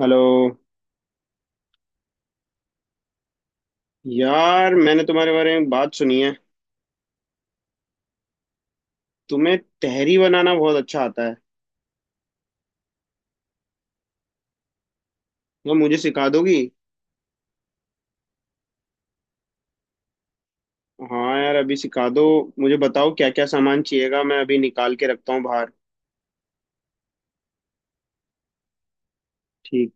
Hello. यार, मैंने तुम्हारे बारे में बात सुनी है, तुम्हें तहरी बनाना बहुत अच्छा आता है। यार, मुझे सिखा दोगी? हाँ यार, अभी सिखा दो। मुझे बताओ क्या क्या सामान चाहिएगा, मैं अभी निकाल के रखता हूँ बाहर। ठीक।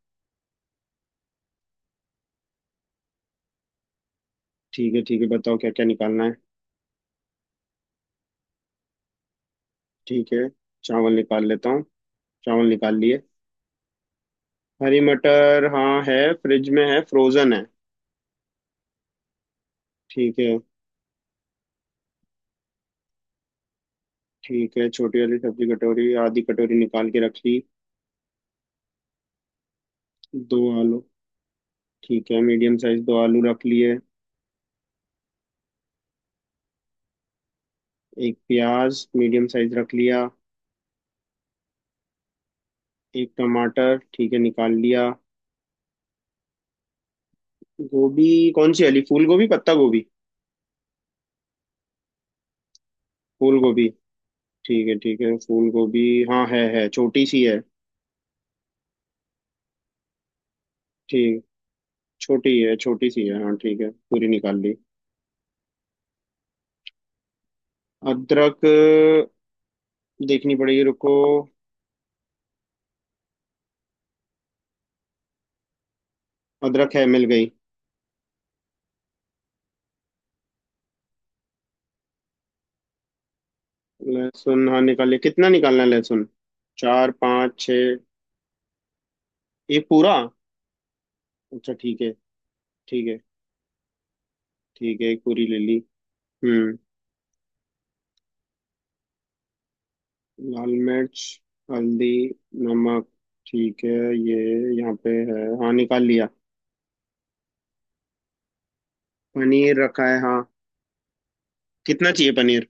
ठीक है, ठीक है, बताओ क्या क्या निकालना है। ठीक है, चावल निकाल लेता हूँ। चावल निकाल लिए। हरी मटर हाँ है, फ्रिज में है, फ्रोजन है। ठीक है, ठीक है, छोटी वाली सब्जी कटोरी आधी कटोरी निकाल के रख ली। दो आलू। ठीक है, मीडियम साइज दो आलू रख लिए। एक प्याज मीडियम साइज रख लिया। एक टमाटर ठीक है, निकाल लिया। गोभी कौन सी वाली, फूल गोभी पत्ता गोभी? फूल गोभी। ठीक है फूल गोभी। हाँ है, छोटी सी है। ठीक। छोटी है, छोटी सी है, हाँ ठीक है, पूरी निकाल ली। अदरक। देखनी पड़ेगी, रुको। अदरक है, मिल गई। लहसुन हाँ निकाल लिया, कितना निकालना है लहसुन? चार पाँच छः? एक पूरा? अच्छा ठीक है, ठीक है। ठीक है, एक पूरी ले ली। हम्म। लाल मिर्च, हल्दी, नमक ठीक है। ये यहाँ पे है, हाँ निकाल लिया। पनीर रखा है हाँ। कितना चाहिए पनीर?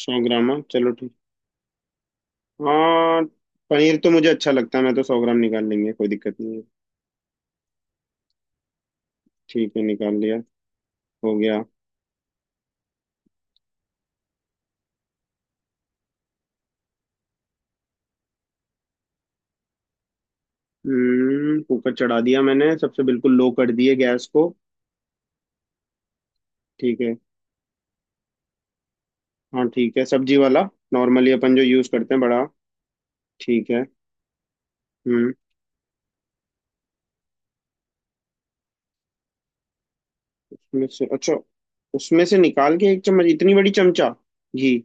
100 ग्राम हाँ, चलो ठीक। हाँ, पनीर तो मुझे अच्छा लगता है, मैं तो 100 ग्राम निकाल लेंगे, कोई दिक्कत नहीं है। ठीक है निकाल लिया। हो गया। हम्म, कुकर चढ़ा दिया मैंने, सबसे बिल्कुल लो कर दिए गैस को। ठीक है। हाँ ठीक है, सब्जी वाला। नॉर्मली अपन जो यूज करते हैं, बड़ा। ठीक है। हम्म। उसमें से अच्छा, उसमें से निकाल के एक चम्मच इतनी बड़ी चमचा? घी?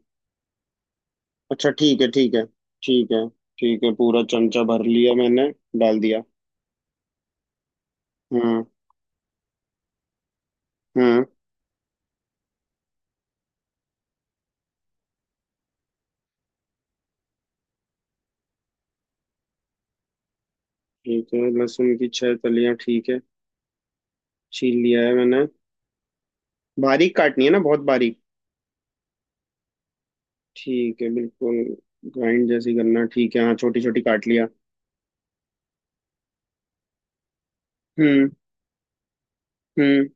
अच्छा ठीक है, ठीक है। ठीक है। ठीक है, पूरा चमचा भर लिया मैंने। डाल दिया। हाँ हाँ ठीक है, लहसुन की छह कलियां ठीक है। छील लिया है मैंने। बारीक काटनी है ना, बहुत बारीक? ठीक है बिल्कुल। ग्राइंड जैसी करना, ठीक है हाँ, छोटी छोटी काट लिया। हम्म। हम्म।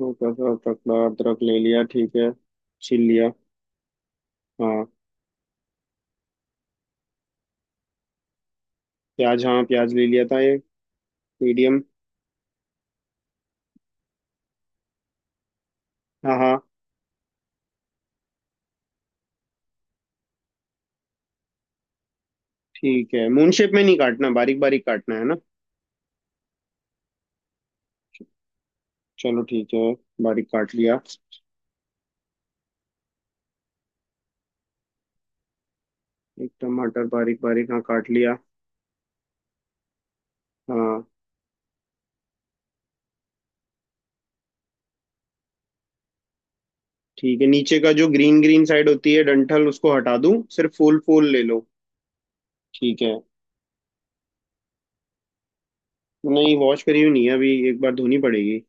हल्का सा टुकड़ा अदरक ले लिया ठीक है। छील लिया। हाँ। प्याज हाँ, प्याज ले लिया था ये। मीडियम। हाँ हाँ ठीक है, मून शेप में नहीं काटना, बारीक बारीक काटना है ना? चलो ठीक है, बारीक काट लिया। एक टमाटर बारीक बारीक हाँ काट लिया। हाँ। ठीक है, नीचे का जो ग्रीन ग्रीन साइड होती है डंठल, उसको हटा दूं, सिर्फ फूल फूल ले लो? ठीक है। नहीं, वॉश करी हुई नहीं है, अभी एक बार धोनी पड़ेगी।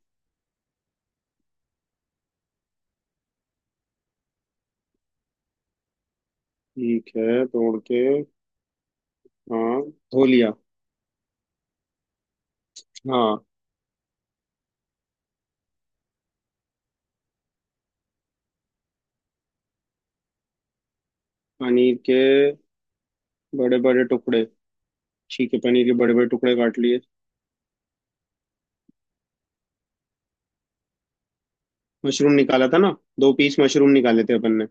ठीक है तोड़ के। हाँ, धो लिया। हाँ। पनीर के बड़े बड़े टुकड़े। ठीक है, पनीर के बड़े बड़े टुकड़े काट लिए। मशरूम निकाला था ना, दो पीस मशरूम निकाले थे अपन ने।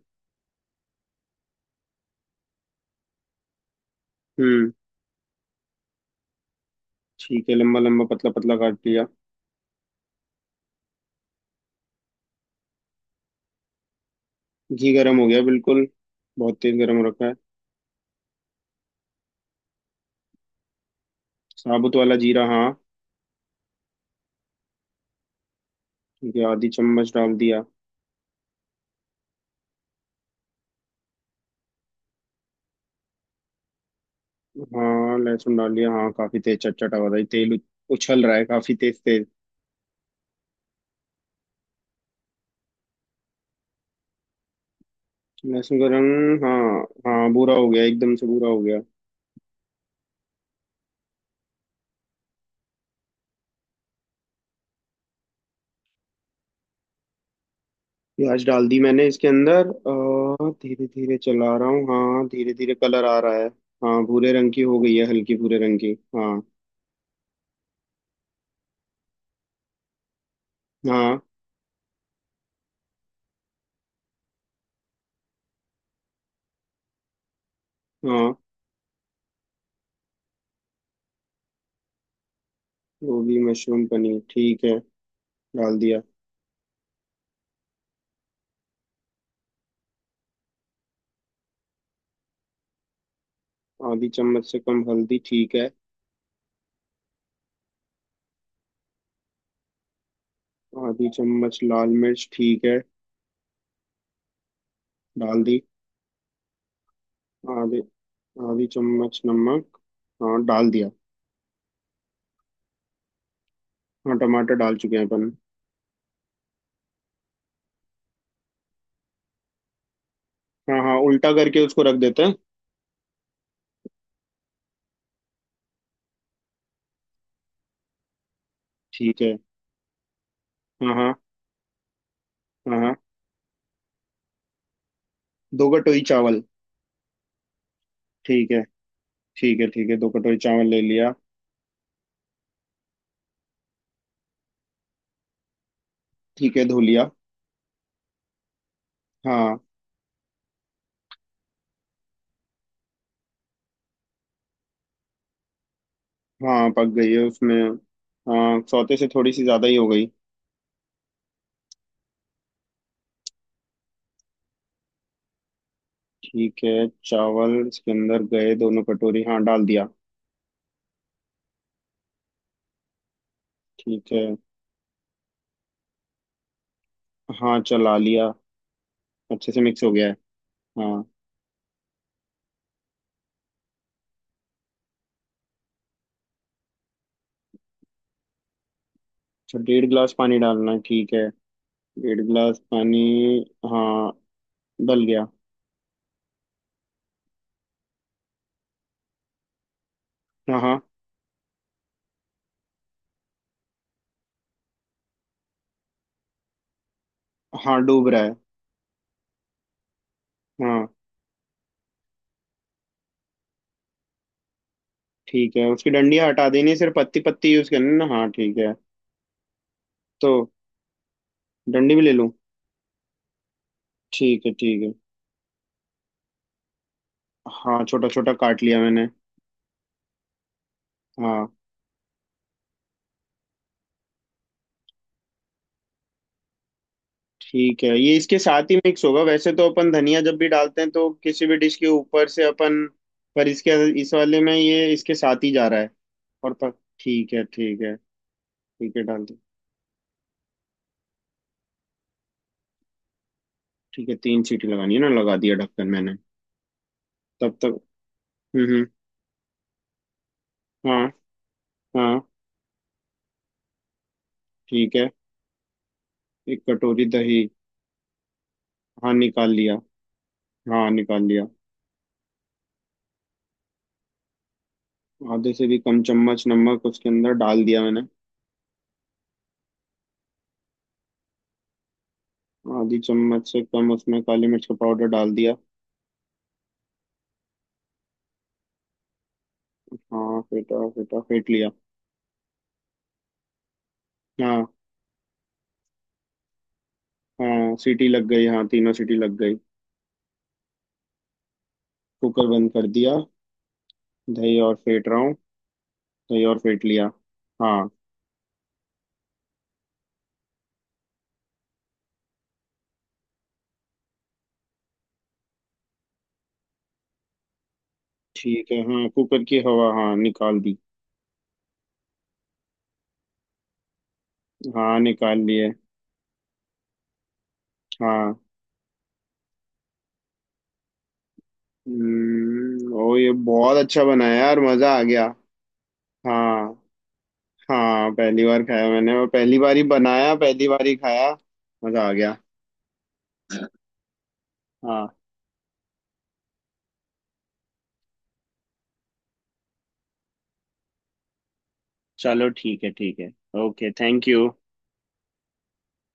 हम्म। ठीक है, लंबा लंबा पतला पतला काट लिया। घी गरम हो गया बिल्कुल, बहुत तेज गरम रखा है। साबुत वाला जीरा हाँ। ठीक है, आधी चम्मच डाल दिया। हाँ लहसुन डाल दिया, हाँ काफी तेज चटचटा हो रहा है, तेल उछल रहा है काफी तेज तेज। लहसुन का रंग हाँ हाँ भूरा हो गया, एकदम से भूरा हो गया। प्याज डाल दी मैंने इसके अंदर, और धीरे धीरे चला रहा हूँ, हाँ धीरे धीरे कलर आ रहा है। हाँ, भूरे रंग की हो गई है, हल्की भूरे रंग की हाँ। हाँ हाँ। गोभी मशरूम पनीर ठीक है। डाल दिया। आधी चम्मच से कम हल्दी ठीक है। आधी चम्मच लाल मिर्च ठीक है। डाल दी। आधे, आधी चम्मच नमक, हाँ डाल दिया। हाँ टमाटर डाल चुके हैं अपन। हाँ हाँ, उल्टा करके उसको रख देते हैं। ठीक है। हाँ हाँ हाँ। हाँ। दो कटोरी चावल। ठीक है, ठीक है, ठीक है, दो कटोरी चावल ले लिया। ठीक है धो लिया। हाँ। हाँ पक गई है उसमें। हाँ सौते से थोड़ी सी ज़्यादा ही हो गई। ठीक है, चावल इसके अंदर गए दोनों कटोरी, हाँ डाल दिया। ठीक है। हाँ चला लिया, अच्छे से मिक्स हो गया है। हाँ। अच्छा, डेढ़ गिलास पानी डालना है, ठीक है। डेढ़ गिलास पानी। हाँ डल गया। हाँ हाँ। हाँ डूब रहा है। हाँ। ठीक है, उसकी डंडियाँ हटा देनी है, सिर्फ पत्ती पत्ती यूज करनी है ना? हाँ ठीक है। तो डंडी भी ले लूँ? ठीक है ठीक है। हाँ छोटा छोटा काट लिया मैंने। हाँ। ठीक है, ये इसके साथ ही मिक्स होगा? वैसे तो अपन धनिया जब भी डालते हैं तो किसी भी डिश के ऊपर से अपन। पर इसके, इस वाले में ये इसके साथ ही जा रहा है और। पर ठीक है ठीक है। ठीक है डाल दो। ठीक है तीन सीटी लगानी है ना, लगा दिया ढक्कन मैंने। तब तक। हम्म। हम्म। हाँ हाँ। ठीक है, एक कटोरी दही। हाँ निकाल लिया। हाँ निकाल लिया। आधे से भी कम चम्मच नमक उसके अंदर डाल दिया मैंने। आधी चम्मच से कम उसमें काली मिर्च का पाउडर डाल दिया। हाँ फेंटा फेंटा फेंट लिया। हाँ हाँ सीटी लग गई, हाँ तीनों सीटी लग गई। कुकर बंद कर दिया। दही और फेंट रहा हूँ। दही और फेंट लिया। हाँ। ठीक है हाँ, कुकर की हवा हाँ निकाल दी। हाँ निकाल लिए। हाँ। ओ ये बहुत अच्छा बना है यार, मजा आ गया। हाँ। हाँ, पहली बार खाया मैंने और पहली बार ही बनाया, पहली बार ही खाया। मजा आ गया। हाँ चलो ठीक है। ठीक है। Okay, thank you.